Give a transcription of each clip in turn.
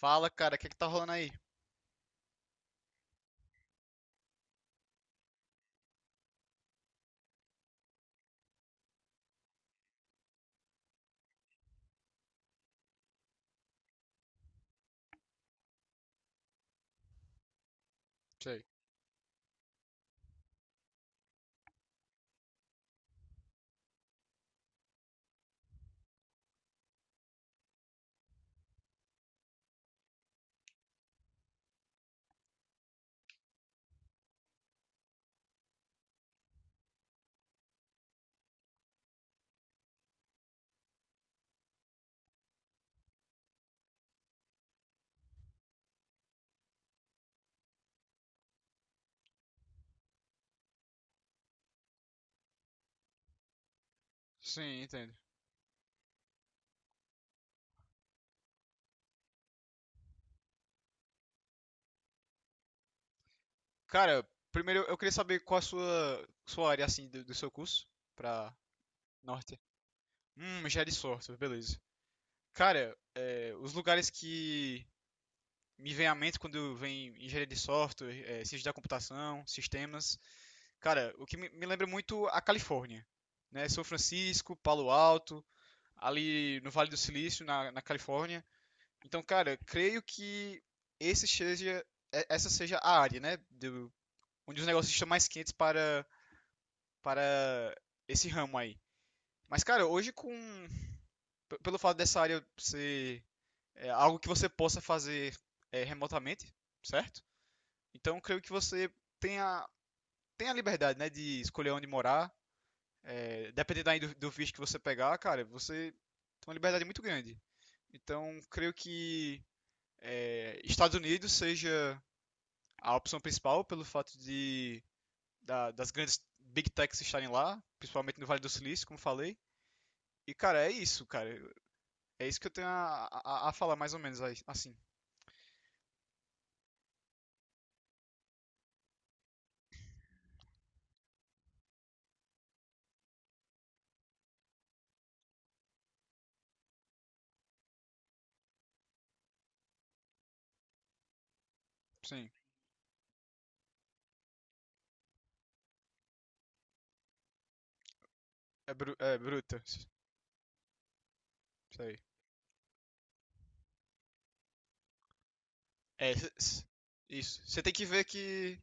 Fala, cara, o que é que tá rolando aí? Sei. Sim, entendo. Cara, primeiro eu queria saber qual a sua área, assim, do seu curso pra norte. Engenharia de software, beleza. Cara, é, os lugares que me vem à mente quando vem engenharia de software, é, ciência da computação, sistemas, cara, o que me lembra muito a Califórnia, né? São Francisco, Palo Alto, ali no Vale do Silício, na Califórnia. Então, cara, creio que esse seja, essa seja a área, né? Onde os negócios estão mais quentes para esse ramo aí. Mas, cara, pelo fato dessa área ser algo que você possa fazer remotamente, certo? Então, creio que você tenha, tenha a liberdade, né, de escolher onde morar. É, dependendo aí do visto que você pegar, cara, você tem uma liberdade muito grande. Então, creio que Estados Unidos seja a opção principal pelo fato das grandes big techs estarem lá, principalmente no Vale do Silício, como falei. E, cara. É isso que eu tenho a falar, mais ou menos, assim. Sim. É bruta. Isso aí. É, isso. Você tem que ver que...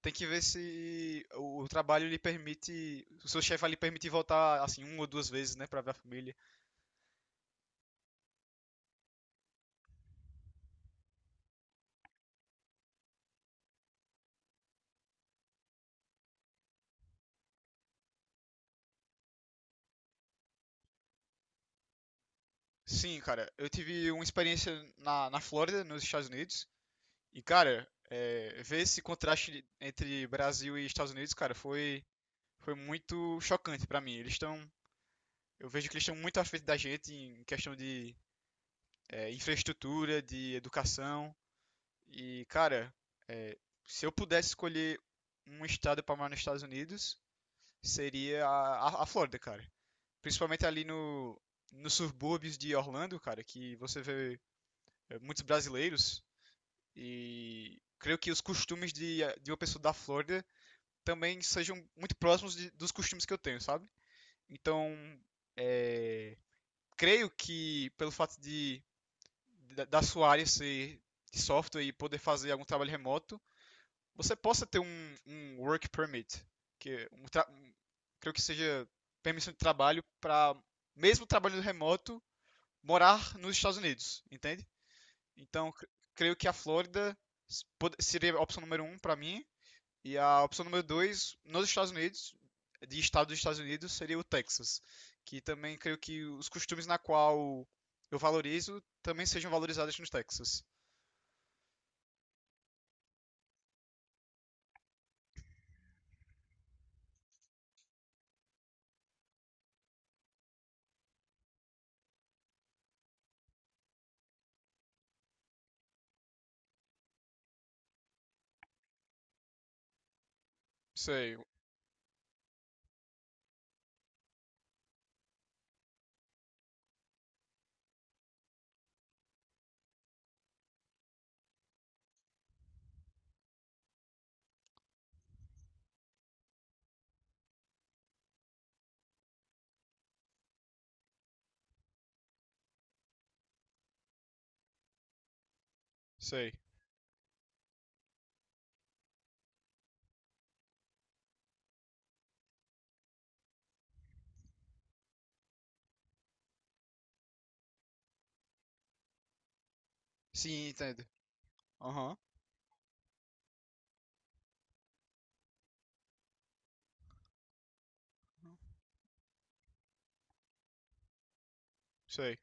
Tem que ver se o trabalho lhe permite... O seu chefe vai lhe permitir voltar, assim, uma ou duas vezes, né? Pra ver a família. Sim, cara. Eu tive uma experiência na Flórida, nos Estados Unidos. E, cara, é, ver esse contraste entre Brasil e Estados Unidos, cara, foi muito chocante pra mim. Eles estão. Eu vejo que eles estão muito à frente da gente em questão de infraestrutura, de educação. E, cara, é, se eu pudesse escolher um estado pra morar nos Estados Unidos, seria a Flórida, cara. Principalmente ali no, nos subúrbios de Orlando, cara, que você vê muitos brasileiros. E creio que os costumes de uma pessoa da Flórida também sejam muito próximos dos costumes que eu tenho, sabe? Então, é, creio que da sua área ser de software e poder fazer algum trabalho remoto, você possa ter um work permit, que é creio que seja permissão de trabalho para mesmo trabalho remoto morar nos Estados Unidos, entende? Então, creio que a Flórida seria a opção número um para mim e a opção número 2 nos Estados Unidos, de estado dos Estados Unidos, seria o Texas, que também creio que os costumes na qual eu valorizo também sejam valorizados no Texas. Sei, Sei. Sim, entendo. Aham. Sei,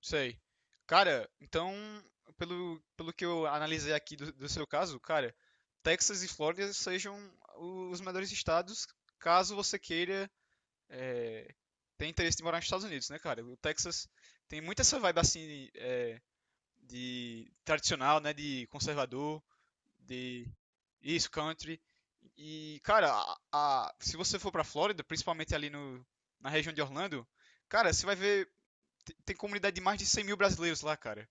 Sei. Cara, então, pelo que eu analisei aqui do seu caso, cara, Texas e Flórida sejam os melhores estados caso você queira é, tem interesse de morar nos Estados Unidos, né, cara? O Texas tem muito essa vibe assim de tradicional, né, de conservador, de isso, country. E, cara, se você for pra Flórida, principalmente ali no, na região de Orlando, cara, você vai tem comunidade de mais de 100 mil brasileiros lá, cara.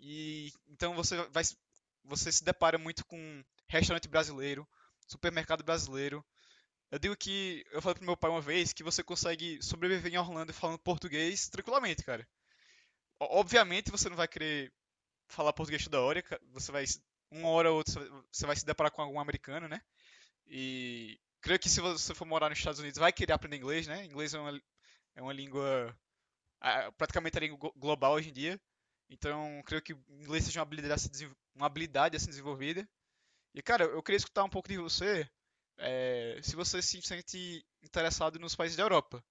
E então você se depara muito com restaurante brasileiro, supermercado brasileiro, eu digo que eu falei pro meu pai uma vez que você consegue sobreviver em Orlando falando português tranquilamente, cara. Obviamente você não vai querer falar português toda hora, você vai uma hora ou outra você vai se deparar com algum americano, né? E creio que se você for morar nos Estados Unidos vai querer aprender inglês, né? Inglês é é uma língua praticamente a língua global hoje em dia. Então, creio que inglês seja uma habilidade a se desenvol- uma habilidade a ser desenvolvida. E, cara, eu queria escutar um pouco de você, é, se você se sente interessado nos países da Europa.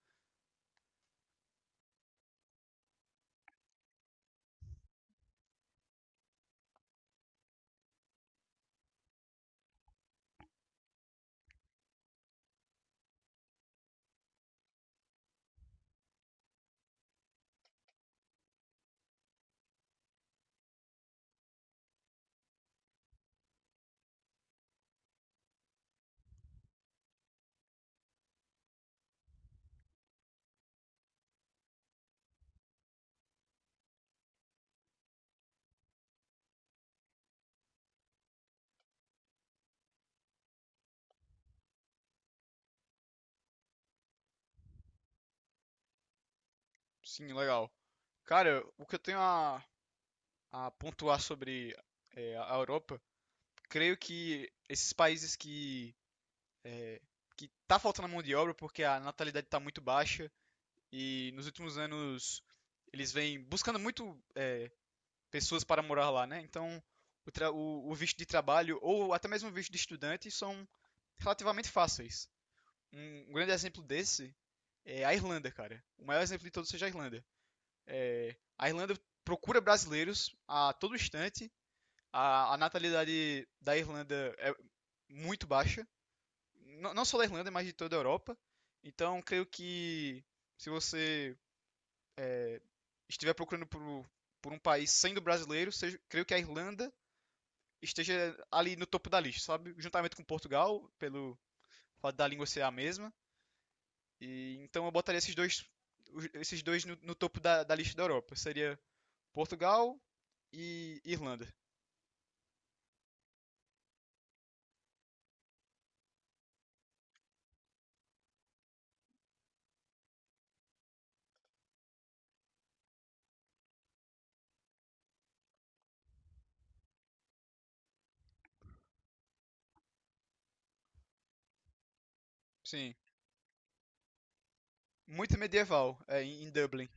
Sim, legal. Cara, o que eu tenho a pontuar sobre é, a Europa, creio que esses países que é, que tá faltando mão de obra porque a natalidade está muito baixa e nos últimos anos eles vêm buscando muito pessoas para morar lá, né? Então o visto de trabalho ou até mesmo o visto de estudante são relativamente fáceis. Um grande exemplo desse é a Irlanda, cara. O maior exemplo de todos seja a Irlanda. É, a Irlanda procura brasileiros a todo instante. A natalidade da Irlanda é muito baixa. Não só da Irlanda, mas de toda a Europa. Então, creio que se você é, estiver procurando por um país sendo brasileiro, seja, creio que a Irlanda esteja ali no topo da lista, sabe? Juntamente com Portugal, pelo fato da língua ser a mesma. E, então eu botaria esses dois, esses dois no topo da lista da Europa. Seria Portugal e Irlanda. Sim. Muito medieval, é, em Dublin.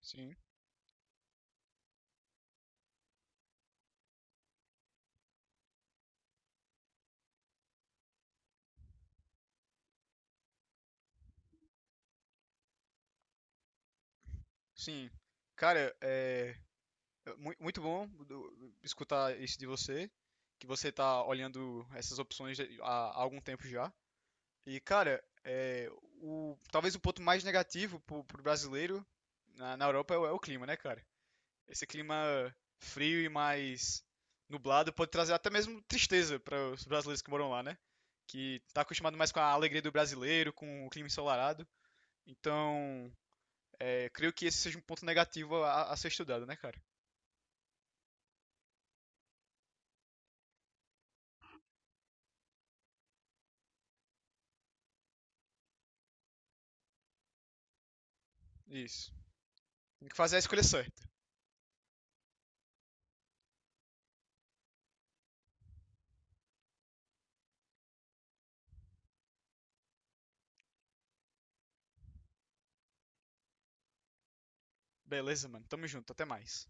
Sim. Sim. Cara, é muito bom escutar isso de você, que você tá olhando essas opções há, há algum tempo já. E, cara, é, o, talvez o ponto mais negativo pro brasileiro na Europa é o, é o clima, né, cara? Esse clima frio e mais nublado pode trazer até mesmo tristeza para os brasileiros que moram lá, né? Que tá acostumado mais com a alegria do brasileiro, com o clima ensolarado. Então, é, creio que esse seja um ponto negativo a ser estudado, né, cara? Isso. Tem que fazer a escolha certa. Beleza, mano. Tamo junto. Até mais.